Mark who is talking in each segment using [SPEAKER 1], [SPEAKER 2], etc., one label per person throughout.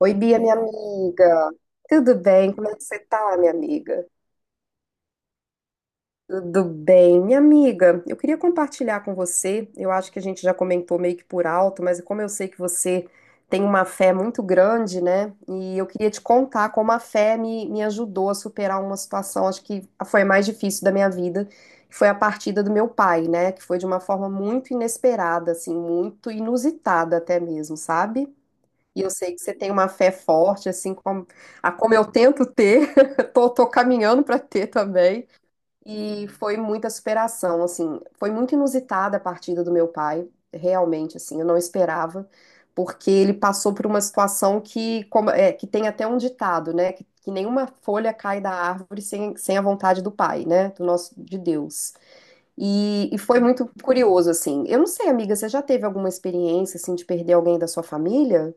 [SPEAKER 1] Oi, Bia, minha amiga. Tudo bem? Como é que você tá, minha amiga? Tudo bem, minha amiga. Eu queria compartilhar com você. Eu acho que a gente já comentou meio que por alto, mas como eu sei que você tem uma fé muito grande, né? E eu queria te contar como a fé me ajudou a superar uma situação, acho que foi a mais difícil da minha vida, que foi a partida do meu pai, né? Que foi de uma forma muito inesperada, assim, muito inusitada até mesmo, sabe? E eu sei que você tem uma fé forte, assim como, a como eu tento ter, tô caminhando para ter também. E foi muita superação, assim, foi muito inusitada a partida do meu pai, realmente, assim, eu não esperava, porque ele passou por uma situação que, que, tem até um ditado, né, que nenhuma folha cai da árvore sem a vontade do pai, né, do nosso, de Deus. E foi muito curioso, assim. Eu não sei, amiga, você já teve alguma experiência, assim, de perder alguém da sua família?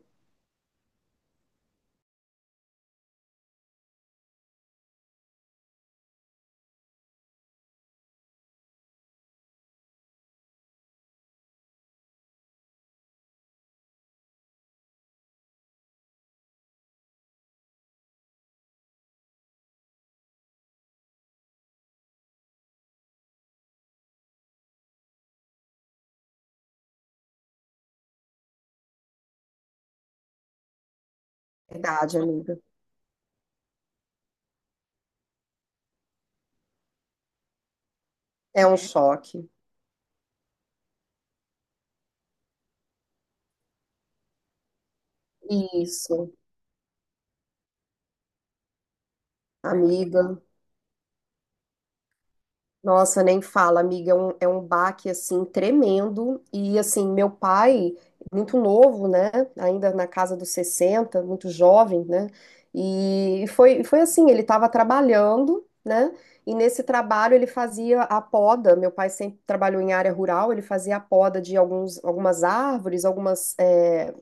[SPEAKER 1] Verdade, amiga. É um choque. Isso, amiga. Nossa, nem fala, amiga. É um baque, assim, tremendo. E, assim, meu pai, muito novo, né? Ainda na casa dos 60, muito jovem, né? E foi, foi assim: ele estava trabalhando, né? E nesse trabalho ele fazia a poda. Meu pai sempre trabalhou em área rural, ele fazia a poda de algumas árvores,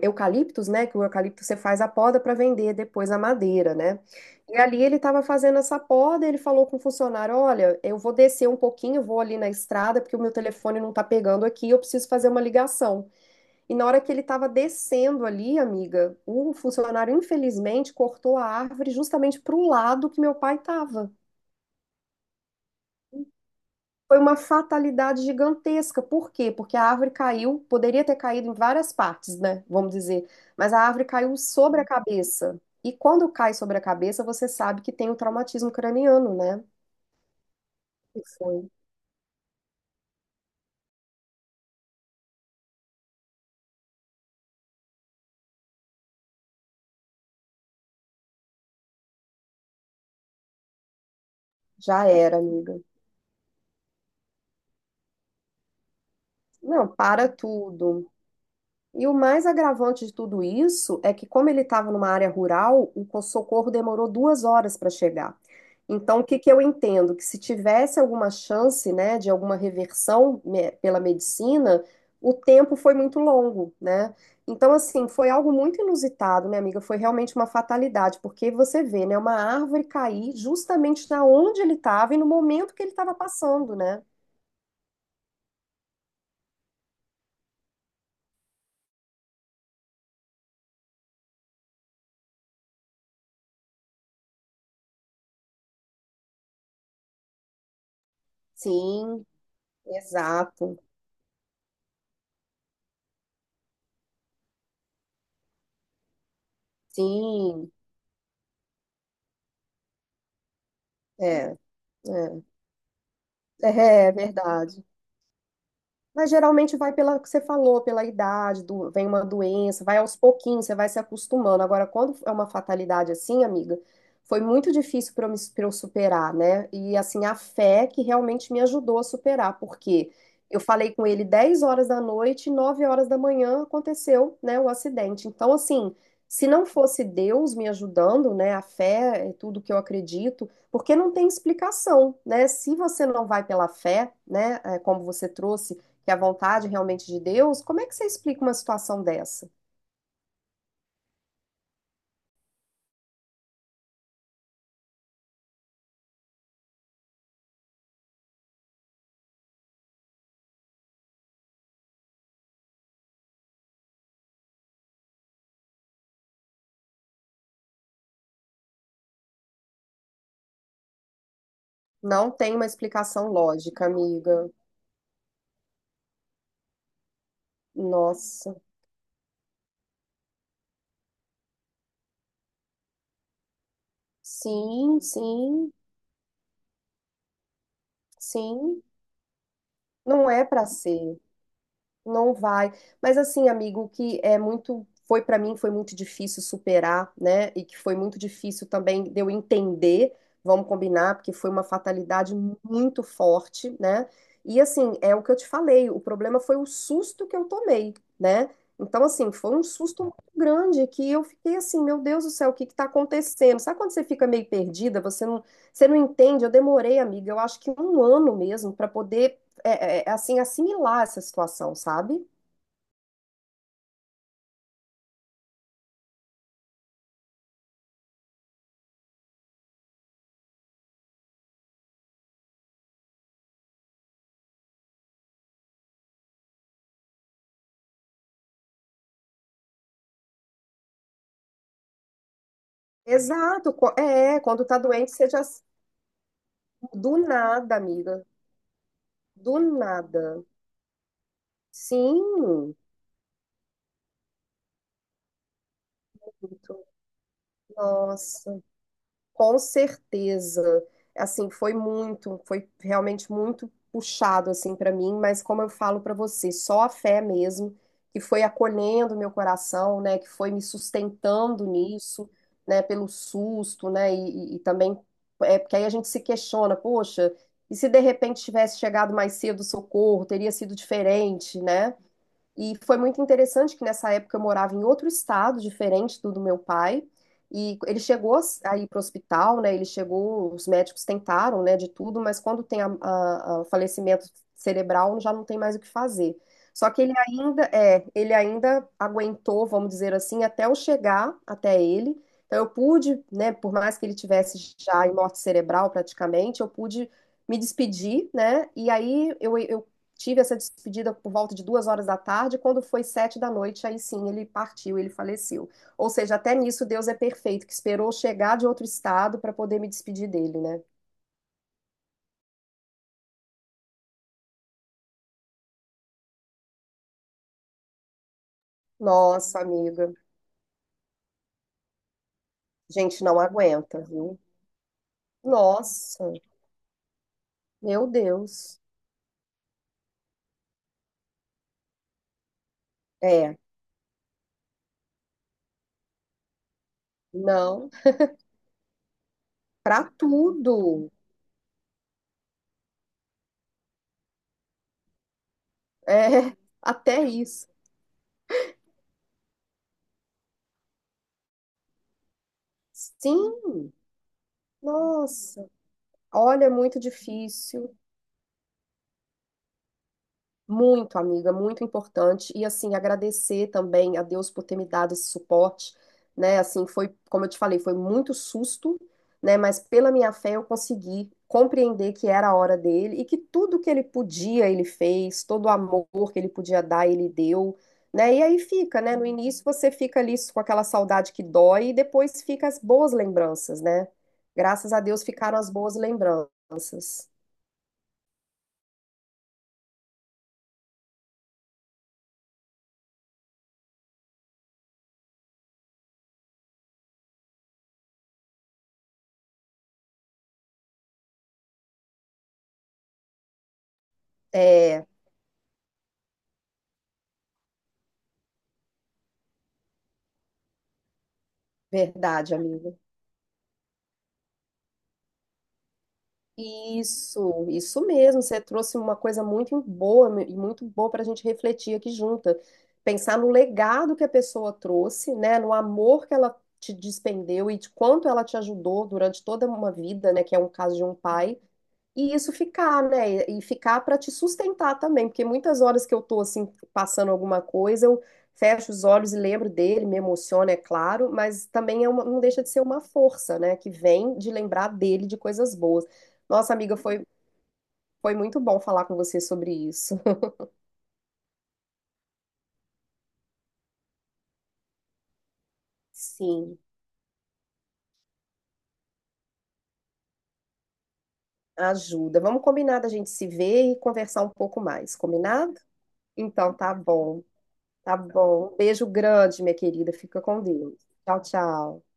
[SPEAKER 1] eucaliptos, né? Que o eucalipto você faz a poda para vender depois a madeira, né? E ali ele estava fazendo essa poda, ele falou com o funcionário: Olha, eu vou descer um pouquinho, vou ali na estrada, porque o meu telefone não tá pegando aqui, eu preciso fazer uma ligação. E na hora que ele estava descendo ali, amiga, o funcionário infelizmente cortou a árvore justamente para o lado que meu pai estava. Foi uma fatalidade gigantesca. Por quê? Porque a árvore caiu, poderia ter caído em várias partes, né? Vamos dizer. Mas a árvore caiu sobre a cabeça. E quando cai sobre a cabeça, você sabe que tem um traumatismo craniano, né? E foi. Já era, amiga. Não, para tudo. E o mais agravante de tudo isso é que, como ele estava numa área rural, o socorro demorou 2 horas para chegar. Então, o que que eu entendo? Que se tivesse alguma chance, né, de alguma reversão pela medicina, o tempo foi muito longo, né? Então, assim, foi algo muito inusitado, minha amiga. Foi realmente uma fatalidade, porque você vê, né, uma árvore cair justamente na onde ele estava e no momento que ele estava passando, né? Sim, exato. Sim, é. É. É, é verdade. Mas geralmente vai pela que você falou, pela idade, vem uma doença, vai aos pouquinhos, você vai se acostumando. Agora, quando é uma fatalidade assim, amiga, foi muito difícil pra eu superar, né? E assim, a fé que realmente me ajudou a superar, porque eu falei com ele 10 horas da noite, 9 horas da manhã aconteceu, né, o acidente. Então, assim, se não fosse Deus me ajudando, né, a fé é tudo que eu acredito, porque não tem explicação, né? Se você não vai pela fé, né, é, como você trouxe que é a vontade realmente de Deus, como é que você explica uma situação dessa? Não tem uma explicação lógica, amiga. Nossa. Sim, sim, sim. Não é para ser. Não vai. Mas assim, amigo, o que é muito foi para mim foi muito difícil superar, né? E que foi muito difícil também de eu entender, vamos combinar, porque foi uma fatalidade muito forte, né? E assim, é o que eu te falei, o problema foi o susto que eu tomei, né? Então assim, foi um susto muito grande que eu fiquei assim, meu Deus do céu, o que que tá acontecendo? Sabe quando você fica meio perdida, você não entende? Eu demorei, amiga, eu acho que um ano mesmo para poder assim, assimilar essa situação, sabe? Exato, quando tá doente, seja do nada, amiga, do nada. Sim, nossa. Com certeza. Assim, foi muito, foi realmente muito puxado assim para mim, mas como eu falo para você, só a fé mesmo que foi acolhendo meu coração, né, que foi me sustentando nisso, né, pelo susto, né, e também é porque aí a gente se questiona, poxa, e se de repente tivesse chegado mais cedo o socorro, teria sido diferente, né? E foi muito interessante que nessa época eu morava em outro estado, diferente do meu pai. E ele chegou a ir para o hospital, né? Ele chegou, os médicos tentaram, né, de tudo, mas quando tem a, o falecimento cerebral, já não tem mais o que fazer. Só que ele ainda, é, ele ainda aguentou, vamos dizer assim, até eu chegar até ele. Então eu pude, né, por mais que ele tivesse já em morte cerebral praticamente, eu pude me despedir, né? E aí eu tive essa despedida por volta de 2 horas da tarde, quando foi 7 da noite, aí sim ele partiu, ele faleceu. Ou seja, até nisso Deus é perfeito, que esperou chegar de outro estado para poder me despedir dele, né? Nossa, amiga, gente não aguenta, viu? Nossa, meu Deus. É, não, para tudo. É, até isso. Sim, nossa, olha, é muito difícil. Muito, amiga, muito importante. E assim, agradecer também a Deus por ter me dado esse suporte, né? Assim, foi, como eu te falei, foi muito susto, né? Mas pela minha fé eu consegui compreender que era a hora dele e que tudo que ele podia, ele fez, todo o amor que ele podia dar, ele deu, né? E aí fica, né? No início você fica ali com aquela saudade que dói e depois fica as boas lembranças, né? Graças a Deus ficaram as boas lembranças. É verdade, amiga. Isso mesmo. Você trouxe uma coisa muito boa e muito boa para a gente refletir aqui junta. Pensar no legado que a pessoa trouxe, né? No amor que ela te despendeu e de quanto ela te ajudou durante toda uma vida, né? Que é um caso de um pai. E isso ficar, né? E ficar para te sustentar também, porque muitas horas que eu tô assim passando alguma coisa, eu fecho os olhos e lembro dele, me emociona, é claro, mas também é não deixa de ser uma força, né? Que vem de lembrar dele de coisas boas. Nossa, amiga, foi, muito bom falar com você sobre isso. Sim, ajuda. Vamos combinar da gente se ver e conversar um pouco mais, combinado? Então tá bom, tá bom. Beijo grande, minha querida. Fica com Deus. Tchau, tchau.